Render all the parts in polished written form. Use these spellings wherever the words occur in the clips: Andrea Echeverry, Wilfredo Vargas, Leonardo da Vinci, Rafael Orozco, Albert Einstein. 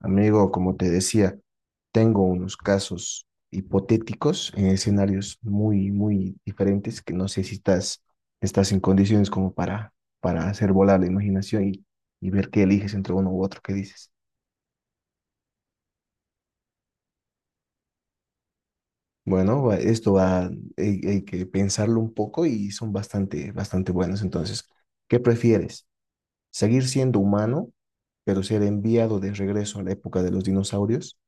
Amigo, como te decía, tengo unos casos hipotéticos en escenarios muy, muy diferentes que no sé si estás en condiciones como para hacer volar la imaginación y ver qué eliges entre uno u otro, qué dices. Bueno, esto va, hay que pensarlo un poco y son bastante, bastante buenos. Entonces, ¿qué prefieres? ¿Seguir siendo humano, pero ser enviado de regreso a la época de los dinosaurios?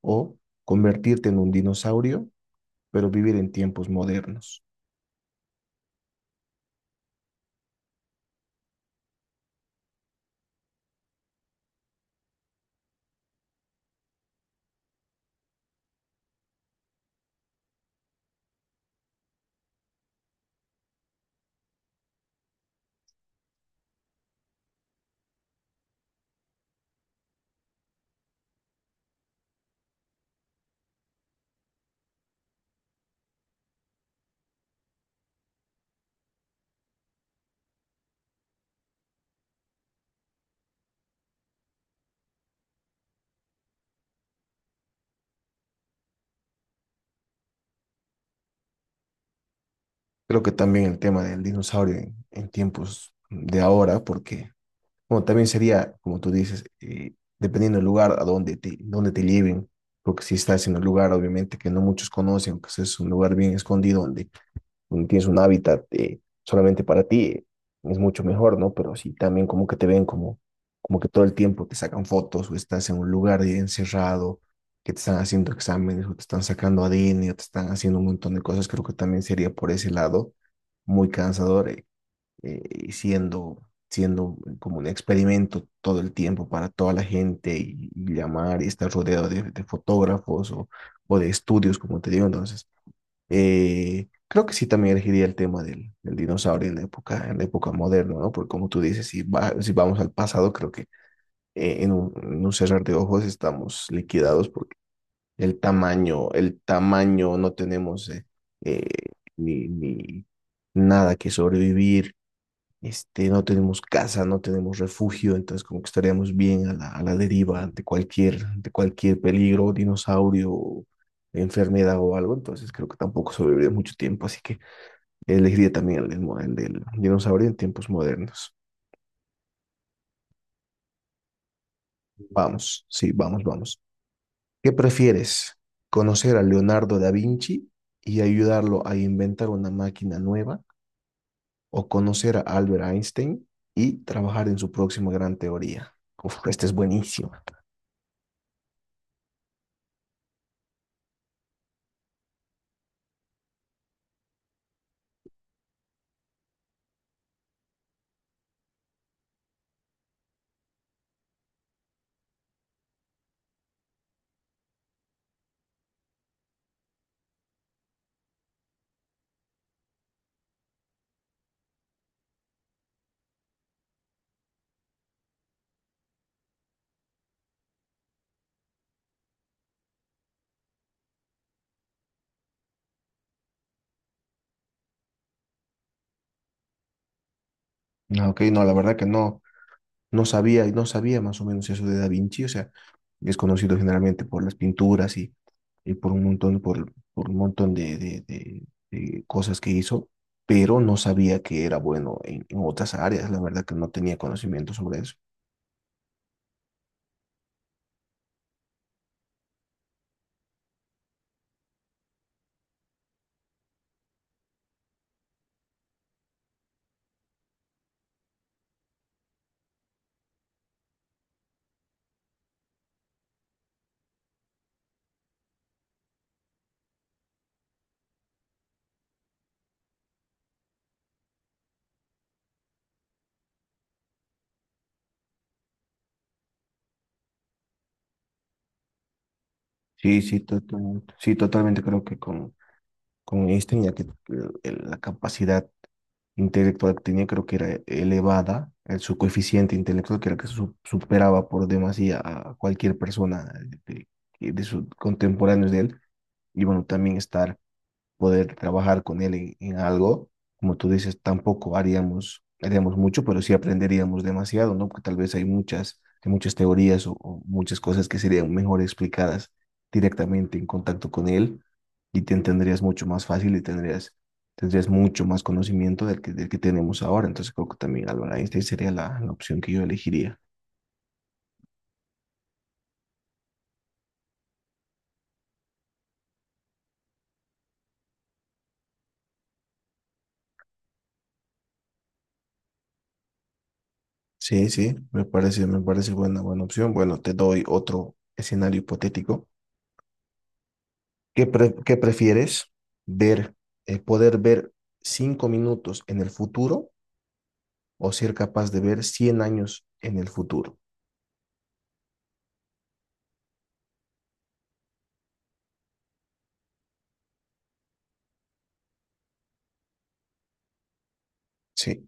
¿O convertirte en un dinosaurio, pero vivir en tiempos modernos? Creo que también el tema del dinosaurio en tiempos de ahora, porque bueno, también sería, como tú dices, dependiendo del lugar a donde te lleven, porque si estás en un lugar, obviamente, que no muchos conocen, que es un lugar bien escondido, donde tienes un hábitat solamente para ti, es mucho mejor, ¿no? Pero si también como que te ven como que todo el tiempo te sacan fotos o estás en un lugar encerrado, que te están haciendo exámenes o te están sacando ADN o te están haciendo un montón de cosas, creo que también sería por ese lado muy cansador, y siendo como un experimento todo el tiempo para toda la gente y llamar y estar rodeado de fotógrafos o de estudios, como te digo, entonces creo que sí también elegiría el tema del dinosaurio en la época moderna, ¿no? Porque como tú dices, si vamos al pasado, creo que en un cerrar de ojos estamos liquidados porque el tamaño, no tenemos eh, ni nada que sobrevivir este, no tenemos casa, no tenemos refugio, entonces como que estaríamos bien a la deriva ante cualquier peligro, dinosaurio, enfermedad o algo, entonces creo que tampoco sobreviviré mucho tiempo, así que elegiría también el del dinosaurio en tiempos modernos. Vamos, sí, vamos, vamos. ¿Qué prefieres? ¿Conocer a Leonardo da Vinci y ayudarlo a inventar una máquina nueva o conocer a Albert Einstein y trabajar en su próxima gran teoría? Uf, este es buenísimo. Ah, ok, no, la verdad que no sabía y no sabía más o menos eso de Da Vinci, o sea, es conocido generalmente por las pinturas y por un montón, por un montón de cosas que hizo, pero no sabía que era bueno en otras áreas, la verdad que no tenía conocimiento sobre eso. Sí, sí, totalmente creo que con Einstein, ya que la capacidad intelectual que tenía creo que era elevada, el, su coeficiente intelectual que era que superaba por demasía a cualquier persona de, de sus contemporáneos de él, y bueno, también estar poder trabajar con él en algo. Como tú dices, tampoco haríamos mucho, pero sí aprenderíamos demasiado, ¿no? Porque tal vez hay muchas teorías o muchas cosas que serían mejor explicadas directamente en contacto con él y te entenderías mucho más fácil y tendrías mucho más conocimiento del que tenemos ahora. Entonces creo que también Albert Einstein sería la opción que yo elegiría. Sí, sí, me parece buena, buena opción. Bueno, te doy otro escenario hipotético. ¿Qué prefieres ver, poder ver cinco minutos en el futuro o ser capaz de ver 100 años en el futuro? Sí,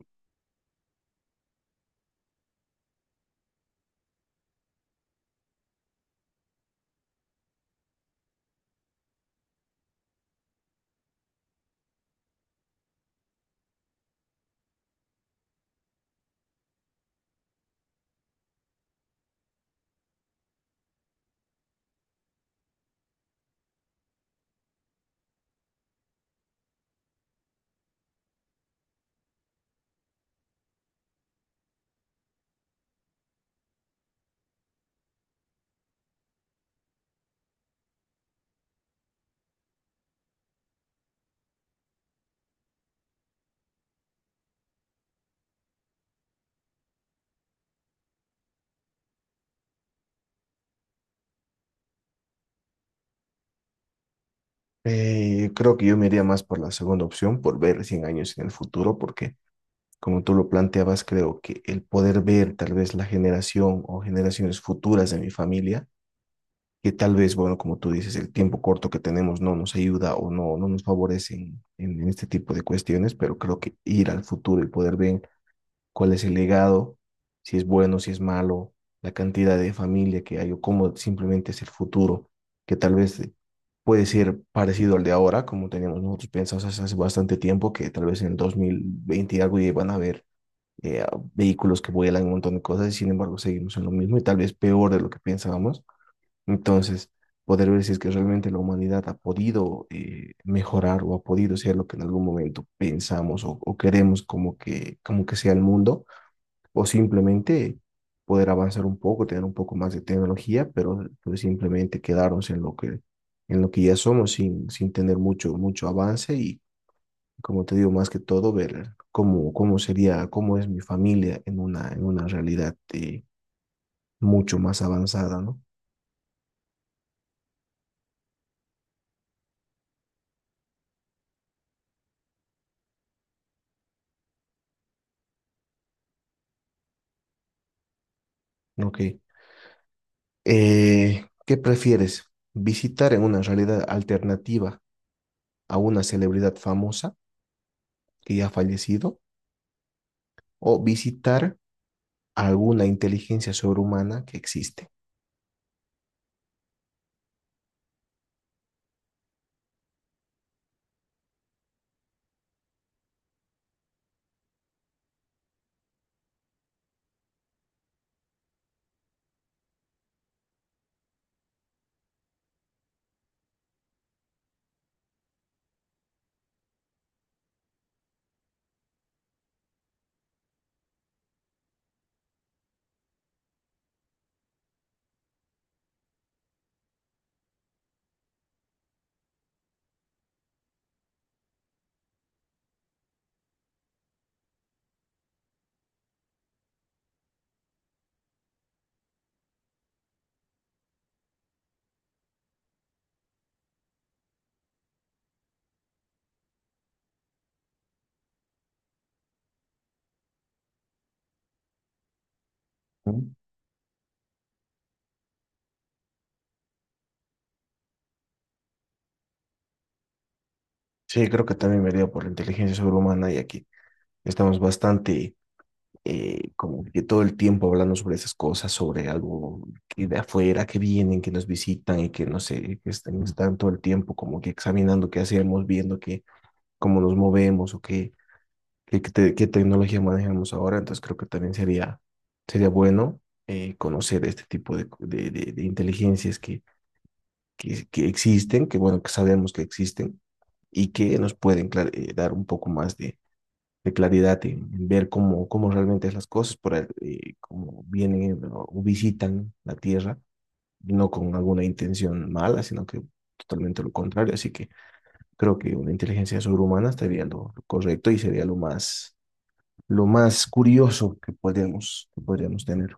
creo que yo me iría más por la segunda opción, por ver 100 años en el futuro, porque como tú lo planteabas, creo que el poder ver tal vez la generación o generaciones futuras de mi familia, que tal vez, bueno, como tú dices, el tiempo corto que tenemos no nos ayuda o no nos favorece en este tipo de cuestiones, pero creo que ir al futuro y poder ver cuál es el legado, si es bueno, si es malo, la cantidad de familia que hay o cómo simplemente es el futuro, que tal vez puede ser parecido al de ahora, como teníamos nosotros pensados hace bastante tiempo, que tal vez en el 2020 y algo ya van a haber eh, vehículos que vuelan, un montón de cosas, y sin embargo seguimos en lo mismo y tal vez peor de lo que pensábamos. Entonces, poder ver si es que realmente la humanidad ha podido mejorar o ha podido ser lo que en algún momento pensamos o queremos como que sea el mundo o simplemente poder avanzar un poco, tener un poco más de tecnología, pero pues, simplemente quedarnos en lo que ya somos sin tener mucho, mucho avance y, como te digo, más que todo, ver cómo, cómo sería, cómo es mi familia en una realidad mucho más avanzada, ¿no? Ok. ¿Qué prefieres? ¿Visitar en una realidad alternativa a una celebridad famosa que ya ha fallecido o visitar a alguna inteligencia sobrehumana que existe? ¿No? Sí, creo que también me dio por la inteligencia sobrehumana y aquí estamos bastante como que todo el tiempo hablando sobre esas cosas, sobre algo que de afuera, que vienen, que nos visitan y que no sé, que están, están todo el tiempo como que examinando qué hacemos, viendo que, cómo nos movemos o qué, qué tecnología manejamos ahora. Entonces creo que también sería, sería bueno conocer este tipo de inteligencias que existen, que bueno, que sabemos que existen y que nos pueden dar un poco más de claridad en ver cómo, cómo realmente es las cosas, cómo vienen o visitan la Tierra, no con alguna intención mala, sino que totalmente lo contrario. Así que creo que una inteligencia sobrehumana estaría lo correcto y sería lo más curioso que podríamos tener.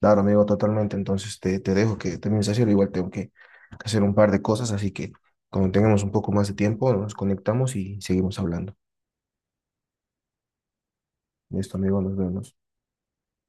Claro, amigo, totalmente. Entonces te dejo que termines de hacer. Igual tengo que hacer un par de cosas, así que cuando tengamos un poco más de tiempo, nos conectamos y seguimos hablando. Listo, amigo, nos vemos.